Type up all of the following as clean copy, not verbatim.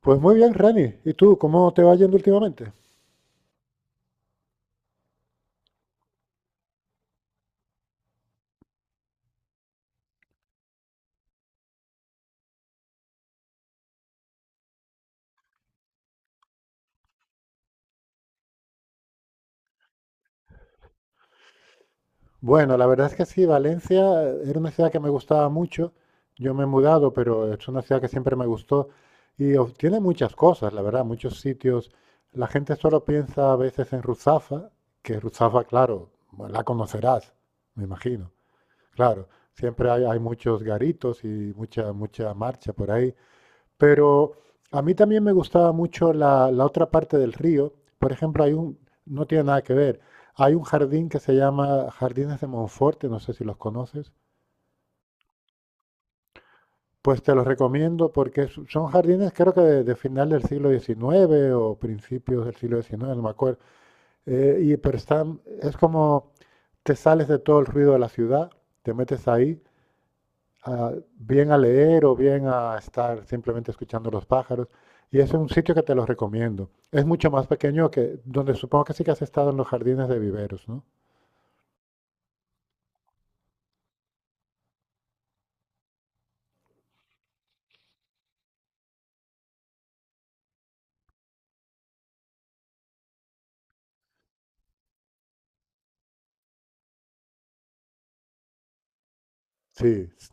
Pues muy bien, Rani. ¿Y tú, cómo te va yendo últimamente? Bueno, la verdad es que sí, Valencia era una ciudad que me gustaba mucho. Yo me he mudado, pero es una ciudad que siempre me gustó y tiene muchas cosas, la verdad, muchos sitios. La gente solo piensa a veces en Ruzafa, que Ruzafa, claro, bueno, la conocerás, me imagino. Claro, siempre hay muchos garitos y mucha marcha por ahí. Pero a mí también me gustaba mucho la otra parte del río. Por ejemplo, hay un, no tiene nada que ver. Hay un jardín que se llama Jardines de Monforte, no sé si los conoces. Pues te los recomiendo porque son jardines creo que de final del siglo XIX o principios del siglo XIX, no me acuerdo. Y pero están, es como te sales de todo el ruido de la ciudad, te metes ahí a- bien a leer o bien a estar simplemente escuchando los pájaros. Y es un sitio que te lo recomiendo. Es mucho más pequeño que donde supongo que sí que has estado en los jardines de viveros, ¿no? Sí, s-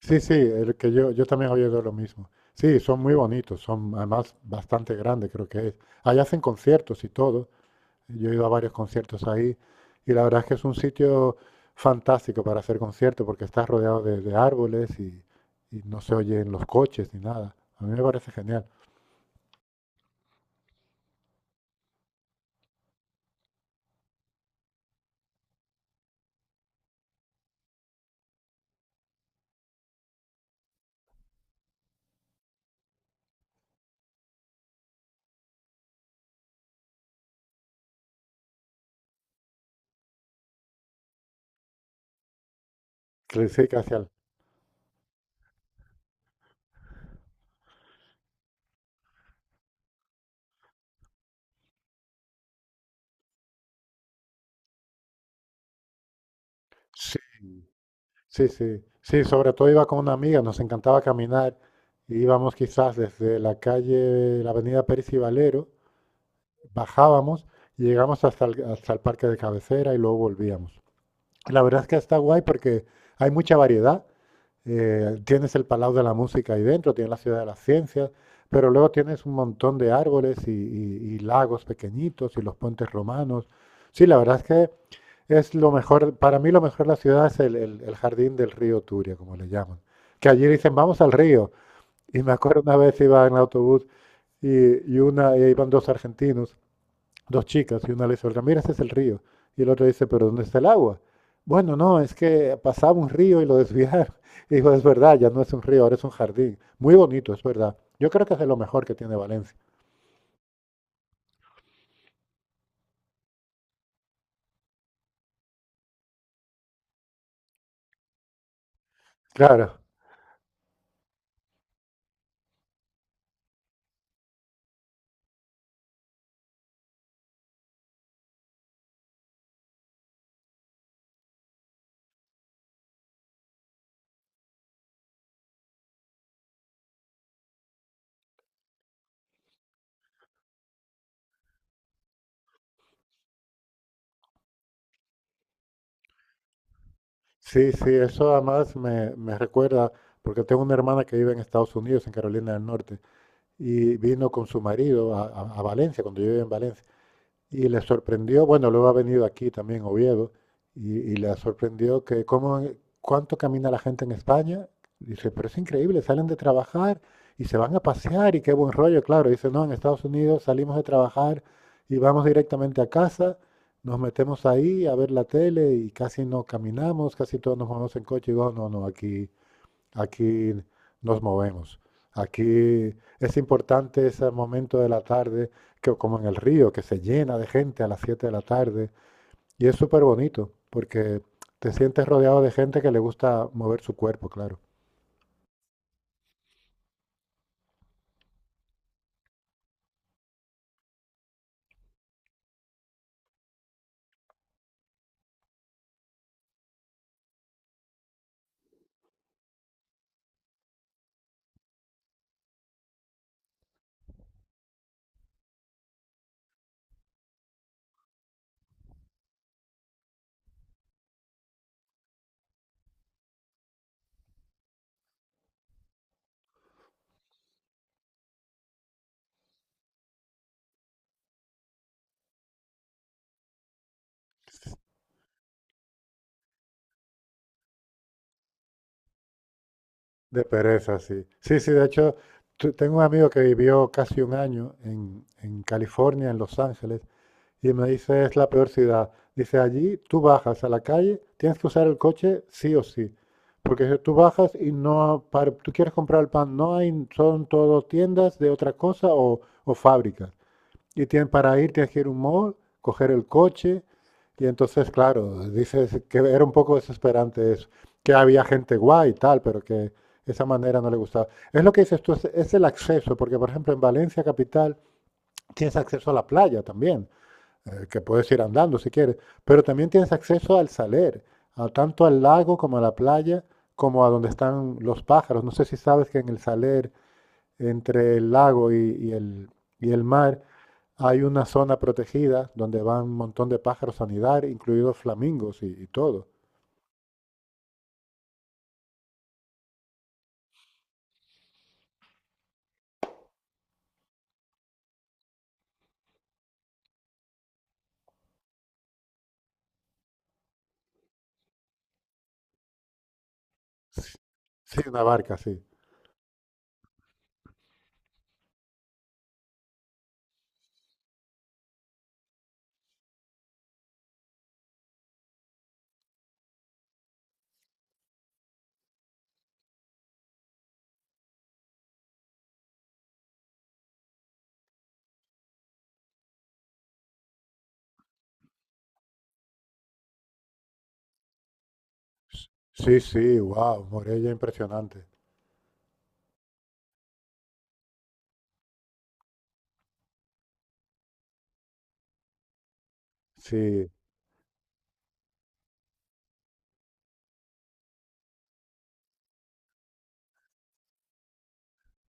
sí, el que yo también había oído lo mismo. Sí, son muy bonitos, son además bastante grandes, creo que es. Ahí hacen conciertos y todo. Yo he ido a varios conciertos ahí y la verdad es que es un sitio fantástico para hacer conciertos porque está rodeado de árboles y no se oyen los coches ni nada. A mí me parece genial. Sí, sí, sí, sí, sí. Sí, sobre todo iba con una amiga, nos encantaba caminar. Íbamos quizás desde la avenida Pérez y Valero, bajábamos y llegamos hasta el parque de cabecera y luego volvíamos. La verdad es que está guay porque hay mucha variedad. Tienes el Palau de la Música ahí dentro, tienes la Ciudad de las Ciencias, pero luego tienes un montón de árboles y lagos pequeñitos y los puentes romanos. Sí, la verdad es que es lo mejor, para mí lo mejor de la ciudad es el jardín del río Turia, como le llaman. Que allí dicen, vamos al río. Y me acuerdo una vez iba en autobús y iban dos argentinos, dos chicas, y una le dice, "Olga, mira, ese es el río. Y el otro dice, pero ¿dónde está el agua? Bueno, no, es que pasaba un río y lo desviaron. Y dijo, es verdad, ya no es un río, ahora es un jardín. Muy bonito, es verdad. Yo creo que es de lo mejor que tiene Valencia. Claro, sí, sí, eso además me recuerda, porque tengo una hermana que vive en Estados Unidos, en Carolina del Norte. Y vino con su marido a Valencia, cuando yo vivía en Valencia, y le sorprendió, bueno, luego ha venido aquí también a Oviedo, y le sorprendió que cómo, cuánto camina la gente en España. Dice, pero es increíble, salen de trabajar y se van a pasear y qué buen rollo, claro. Dice, no, en Estados Unidos salimos de trabajar y vamos directamente a casa, nos metemos ahí a ver la tele y casi no caminamos, casi todos nos vamos en coche. Y digo, no, no, aquí aquí nos movemos. Aquí es importante ese momento de la tarde, que, como en el río, que se llena de gente a las 7 de la tarde. Y es súper bonito, porque te sientes rodeado de gente que le gusta mover su cuerpo, claro. De pereza, sí. Sí, sí, de hecho, tengo un amigo que vivió casi un año en California, en Los Ángeles, y me dice, es la peor ciudad. Dice, allí tú bajas a la calle, tienes que usar el coche sí o sí. Porque si tú bajas y no, tú quieres comprar el pan, no hay, son todo tiendas de otra cosa o fábricas. Y tienes, para ir tienes que ir a un mall, coger el coche. Y entonces, claro, dices que era un poco desesperante eso, que había gente guay y tal, pero que esa manera no le gustaba. Es lo que dices tú, es el acceso, porque por ejemplo en Valencia capital tienes acceso a la playa también, que puedes ir andando si quieres, pero también tienes acceso al saler, tanto al lago como a la playa, como a donde están los pájaros. No sé si sabes que en el saler, entre el lago y el mar, hay una zona protegida donde van un montón de pájaros a anidar, incluidos flamingos y todo. Sí, sí, una barca, sí. Sí, sí, wow, Morella, impresionante. Sí,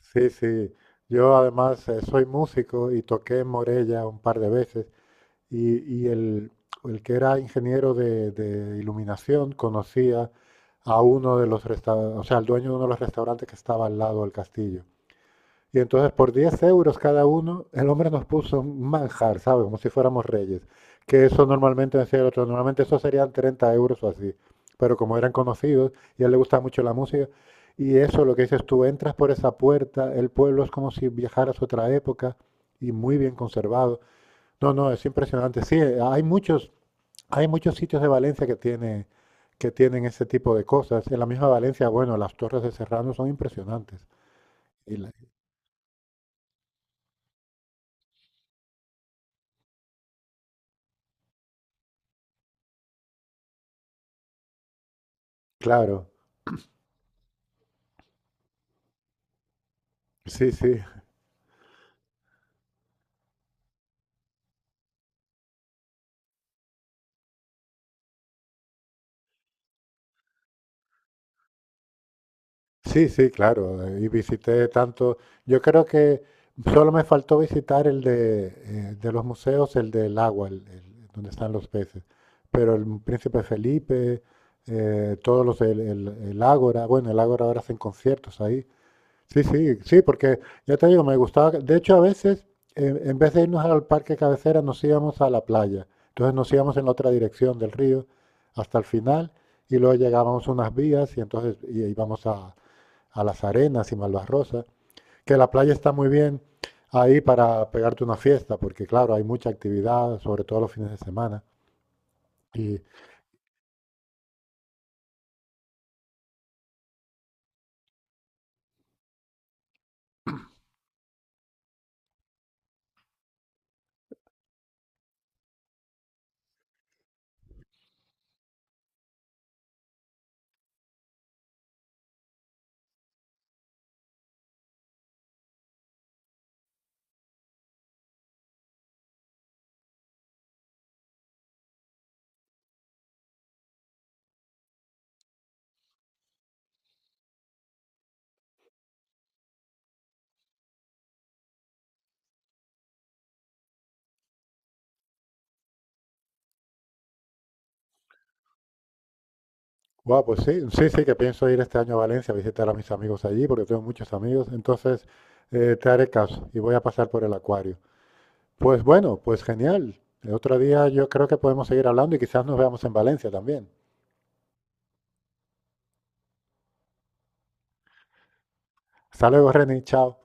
sí, sí. Yo además soy músico y toqué en Morella un par de veces. Y, y el, el que era ingeniero de iluminación conocía a uno de los restaurantes, o sea, al dueño de uno de los restaurantes que estaba al lado del castillo. Y entonces por 10 euros cada uno, el hombre nos puso un manjar, ¿sabes? Como si fuéramos reyes. Que eso normalmente, decía el otro, normalmente eso serían 30 euros o así. Pero como eran conocidos y a él le gustaba mucho la música, y eso lo que dices tú, entras por esa puerta, el pueblo es como si viajaras a otra época y muy bien conservado. No, no, es impresionante. Sí, hay muchos sitios de Valencia que que tienen ese tipo de cosas. En la misma Valencia, bueno, las torres de Serrano son impresionantes. Y la- claro, sí, sí, sí, sí, claro. Y visité tanto. Yo creo que solo me faltó visitar el de los museos, el del agua, donde están los peces. Pero el Príncipe Felipe, todos los, el Ágora, bueno, el Ágora ahora hacen conciertos ahí. Sí, sí, sí, porque ya te digo, me gustaba. De hecho, a veces, en vez de irnos al parque cabecera, nos íbamos a la playa. Entonces nos íbamos en la otra dirección del río hasta el final y luego llegábamos a unas vías y entonces íbamos a las arenas y Malvarrosa. Que la playa está muy bien ahí para pegarte una fiesta, porque claro, hay mucha actividad, sobre todo los fines de semana. Y, guau, pues sí, sí, sí, que pienso ir este año a Valencia a visitar a mis amigos allí, porque tengo muchos amigos. Entonces, te haré caso y voy a pasar por el acuario. Pues bueno, pues genial. El otro día yo creo que podemos seguir hablando y quizás nos veamos en Valencia también. Hasta luego, Reni, chao.